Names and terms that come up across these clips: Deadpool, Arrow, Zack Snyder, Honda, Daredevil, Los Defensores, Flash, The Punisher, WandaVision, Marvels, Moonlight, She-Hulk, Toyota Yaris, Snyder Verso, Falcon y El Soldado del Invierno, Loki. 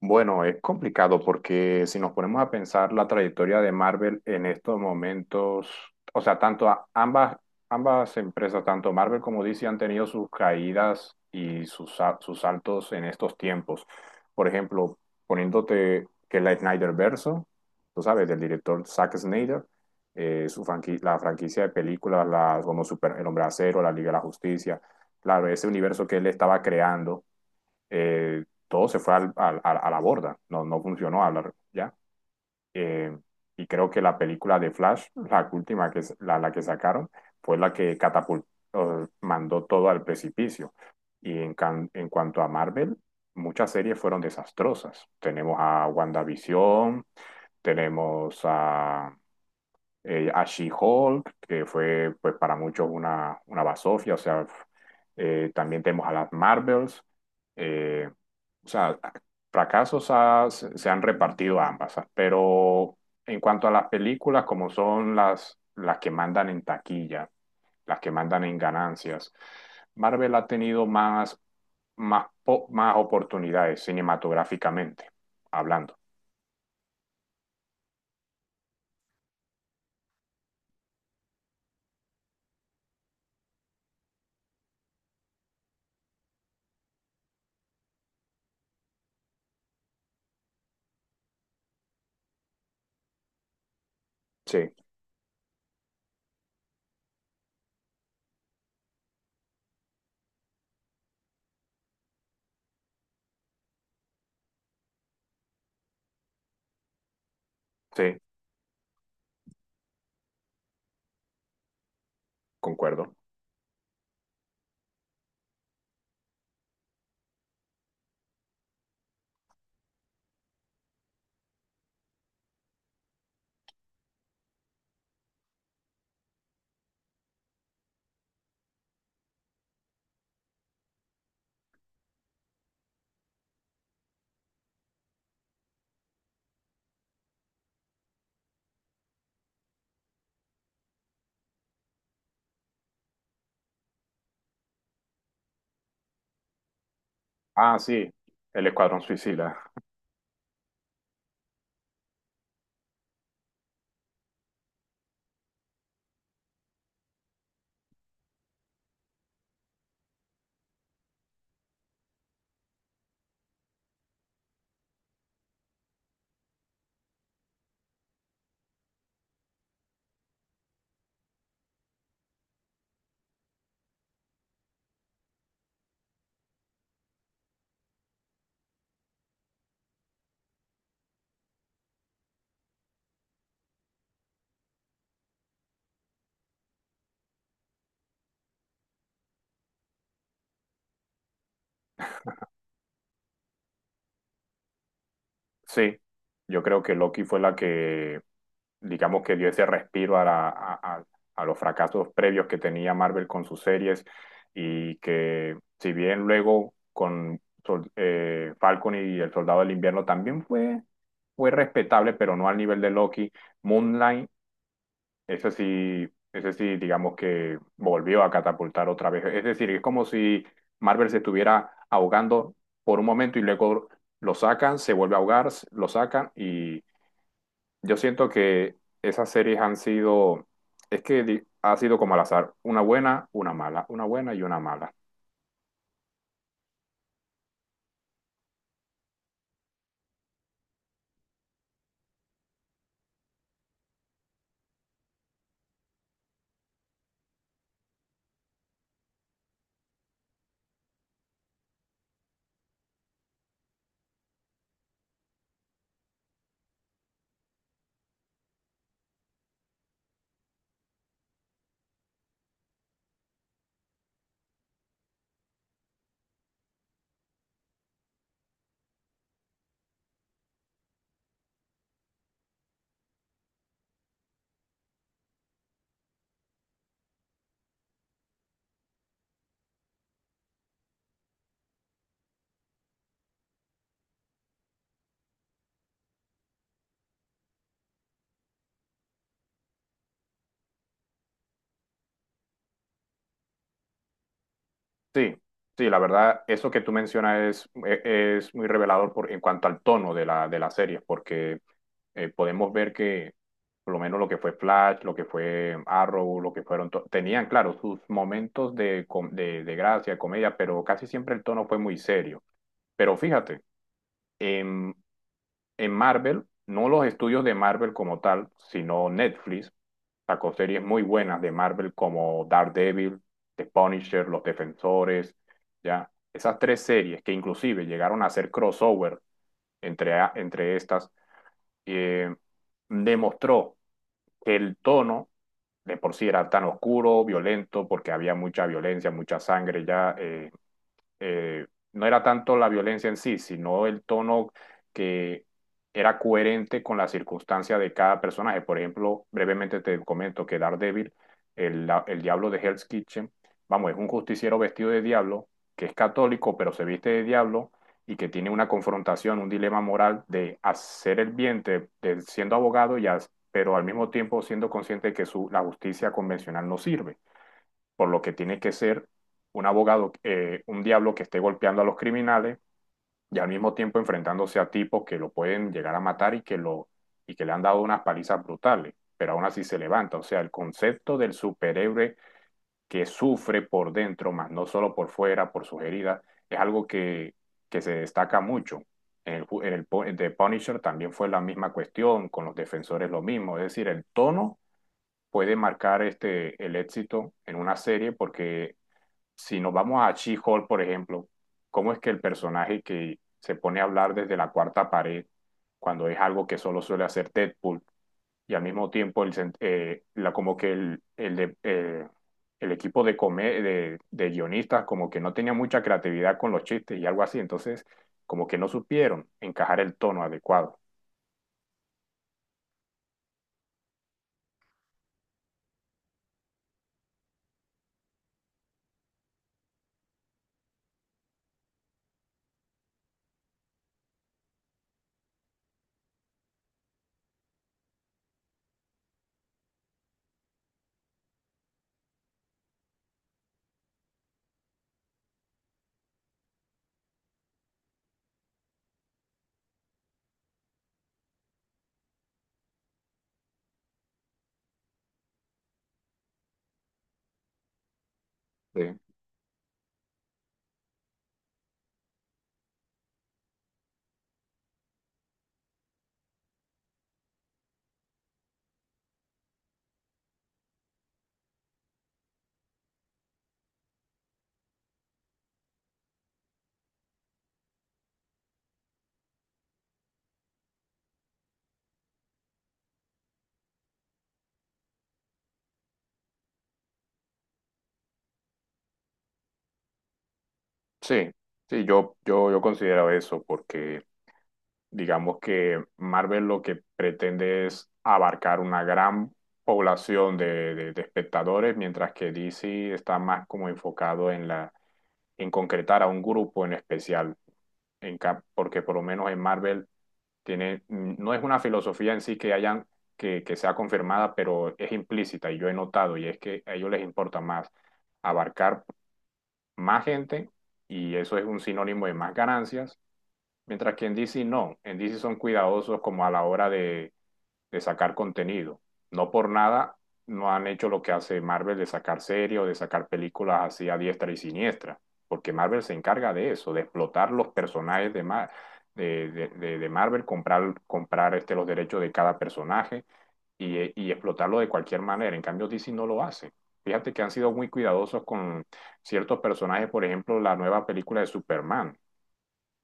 Bueno, es complicado porque si nos ponemos a pensar la trayectoria de Marvel en estos momentos, o sea, ambas, ambas empresas, tanto Marvel como DC, han tenido sus caídas y sus saltos en estos tiempos. Por ejemplo, poniéndote que la Snyder Verso, tú sabes, del director Zack Snyder, la franquicia de películas las, como Super, El Hombre de Acero, La Liga de la Justicia, claro, ese universo que él estaba creando todo se fue a la borda, no, no funcionó hablar ya. Eh, y creo que la película de Flash, la última que la que sacaron, fue la que catapultó, mandó todo al precipicio. En cuanto a Marvel, muchas series fueron desastrosas. Tenemos a WandaVision, tenemos a, a She-Hulk, que fue pues para muchos una basofia, o sea, también tenemos a las Marvels, eh, o sea, se han repartido ambas, ¿ah? Pero en cuanto a las películas, como son las que mandan en taquilla, las que mandan en ganancias, Marvel ha tenido más oportunidades cinematográficamente, hablando. Sí, sí, concuerdo. Ah, sí, El Escuadrón Suicida. Sí, yo creo que Loki fue la que digamos que dio ese respiro a, a los fracasos previos que tenía Marvel con sus series y que si bien luego con Falcon y El Soldado del Invierno también fue, fue respetable, pero no al nivel de Loki, Moonlight, ese sí, digamos que volvió a catapultar otra vez. Es decir, es como si Marvel se estuviera ahogando por un momento y luego lo sacan, se vuelve a ahogar, lo sacan y yo siento que esas series han sido, ha sido como al azar, una buena, una mala, una buena y una mala. Sí, sí, la verdad, eso que tú mencionas es muy revelador por, en cuanto al tono de de la serie, porque podemos ver que por lo menos lo que fue Flash, lo que fue Arrow, lo que fueron, tenían, claro, sus momentos de gracia, de comedia, pero casi siempre el tono fue muy serio. Pero fíjate, en Marvel, no los estudios de Marvel como tal, sino Netflix sacó series muy buenas de Marvel como Daredevil, The Punisher, Los Defensores, ya. Esas tres series que inclusive llegaron a hacer crossover entre estas, eh, demostró que el tono de por sí era tan oscuro, violento, porque había mucha violencia, mucha sangre ya. Eh, no era tanto la violencia en sí, sino el tono que era coherente con la circunstancia de cada personaje. Por ejemplo, brevemente te comento que Daredevil, el diablo de Hell's Kitchen, vamos, es un justiciero vestido de diablo, que es católico, pero se viste de diablo y que tiene una confrontación, un dilema moral de hacer el bien, de siendo abogado, pero al mismo tiempo siendo consciente de que la justicia convencional no sirve por lo que tiene que ser un abogado, un diablo que esté golpeando a los criminales y al mismo tiempo enfrentándose a tipos que lo pueden llegar a matar y que le han dado unas palizas brutales, pero aún así se levanta. O sea, el concepto del superhéroe que sufre por dentro, más no solo por fuera, por sus heridas, es algo que se destaca mucho. En The Punisher también fue la misma cuestión, con los defensores lo mismo, es decir, el tono puede marcar este, el éxito en una serie porque si nos vamos a She-Hulk, por ejemplo, ¿cómo es que el personaje que se pone a hablar desde la cuarta pared, cuando es algo que solo suele hacer Deadpool, y al mismo tiempo como que el equipo de guionistas como que no tenía mucha creatividad con los chistes y algo así, entonces como que no supieron encajar el tono adecuado. Sí, sí, sí, yo considero eso porque... digamos que Marvel lo que pretende es abarcar una gran población de espectadores, mientras que DC está más como enfocado en en concretar a un grupo en especial, porque por lo menos en Marvel tiene, no es una filosofía en sí que hayan, que sea confirmada, pero es implícita y yo he notado, y es que a ellos les importa más abarcar más gente y eso es un sinónimo de más ganancias. Mientras que en DC no, en DC son cuidadosos como a la hora de sacar contenido. No por nada no han hecho lo que hace Marvel de sacar series o de sacar películas así a diestra y siniestra, porque Marvel se encarga de eso, de explotar los personajes de, Mar de, Marvel, comprar este, los derechos de cada personaje y explotarlo de cualquier manera. En cambio, DC no lo hace. Fíjate que han sido muy cuidadosos con ciertos personajes, por ejemplo, la nueva película de Superman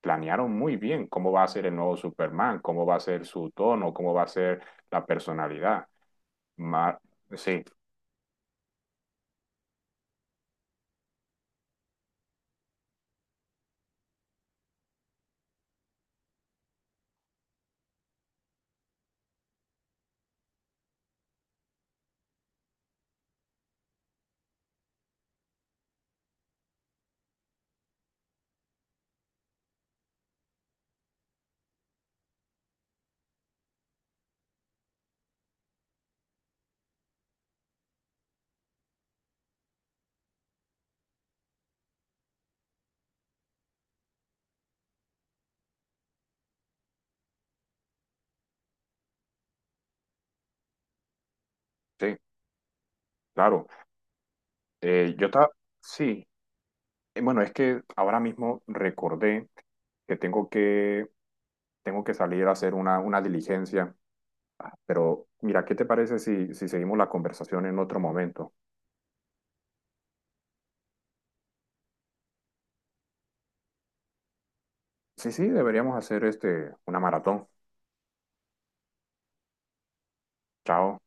planearon muy bien cómo va a ser el nuevo Superman, cómo va a ser su tono, cómo va a ser la personalidad. Ma- sí, sí, claro. Eh, yo estaba, sí. Bueno, es que ahora mismo recordé que tengo que salir a hacer una diligencia, pero mira, ¿qué te parece si, si seguimos la conversación en otro momento? Sí, sí, deberíamos hacer este, una maratón. Chao.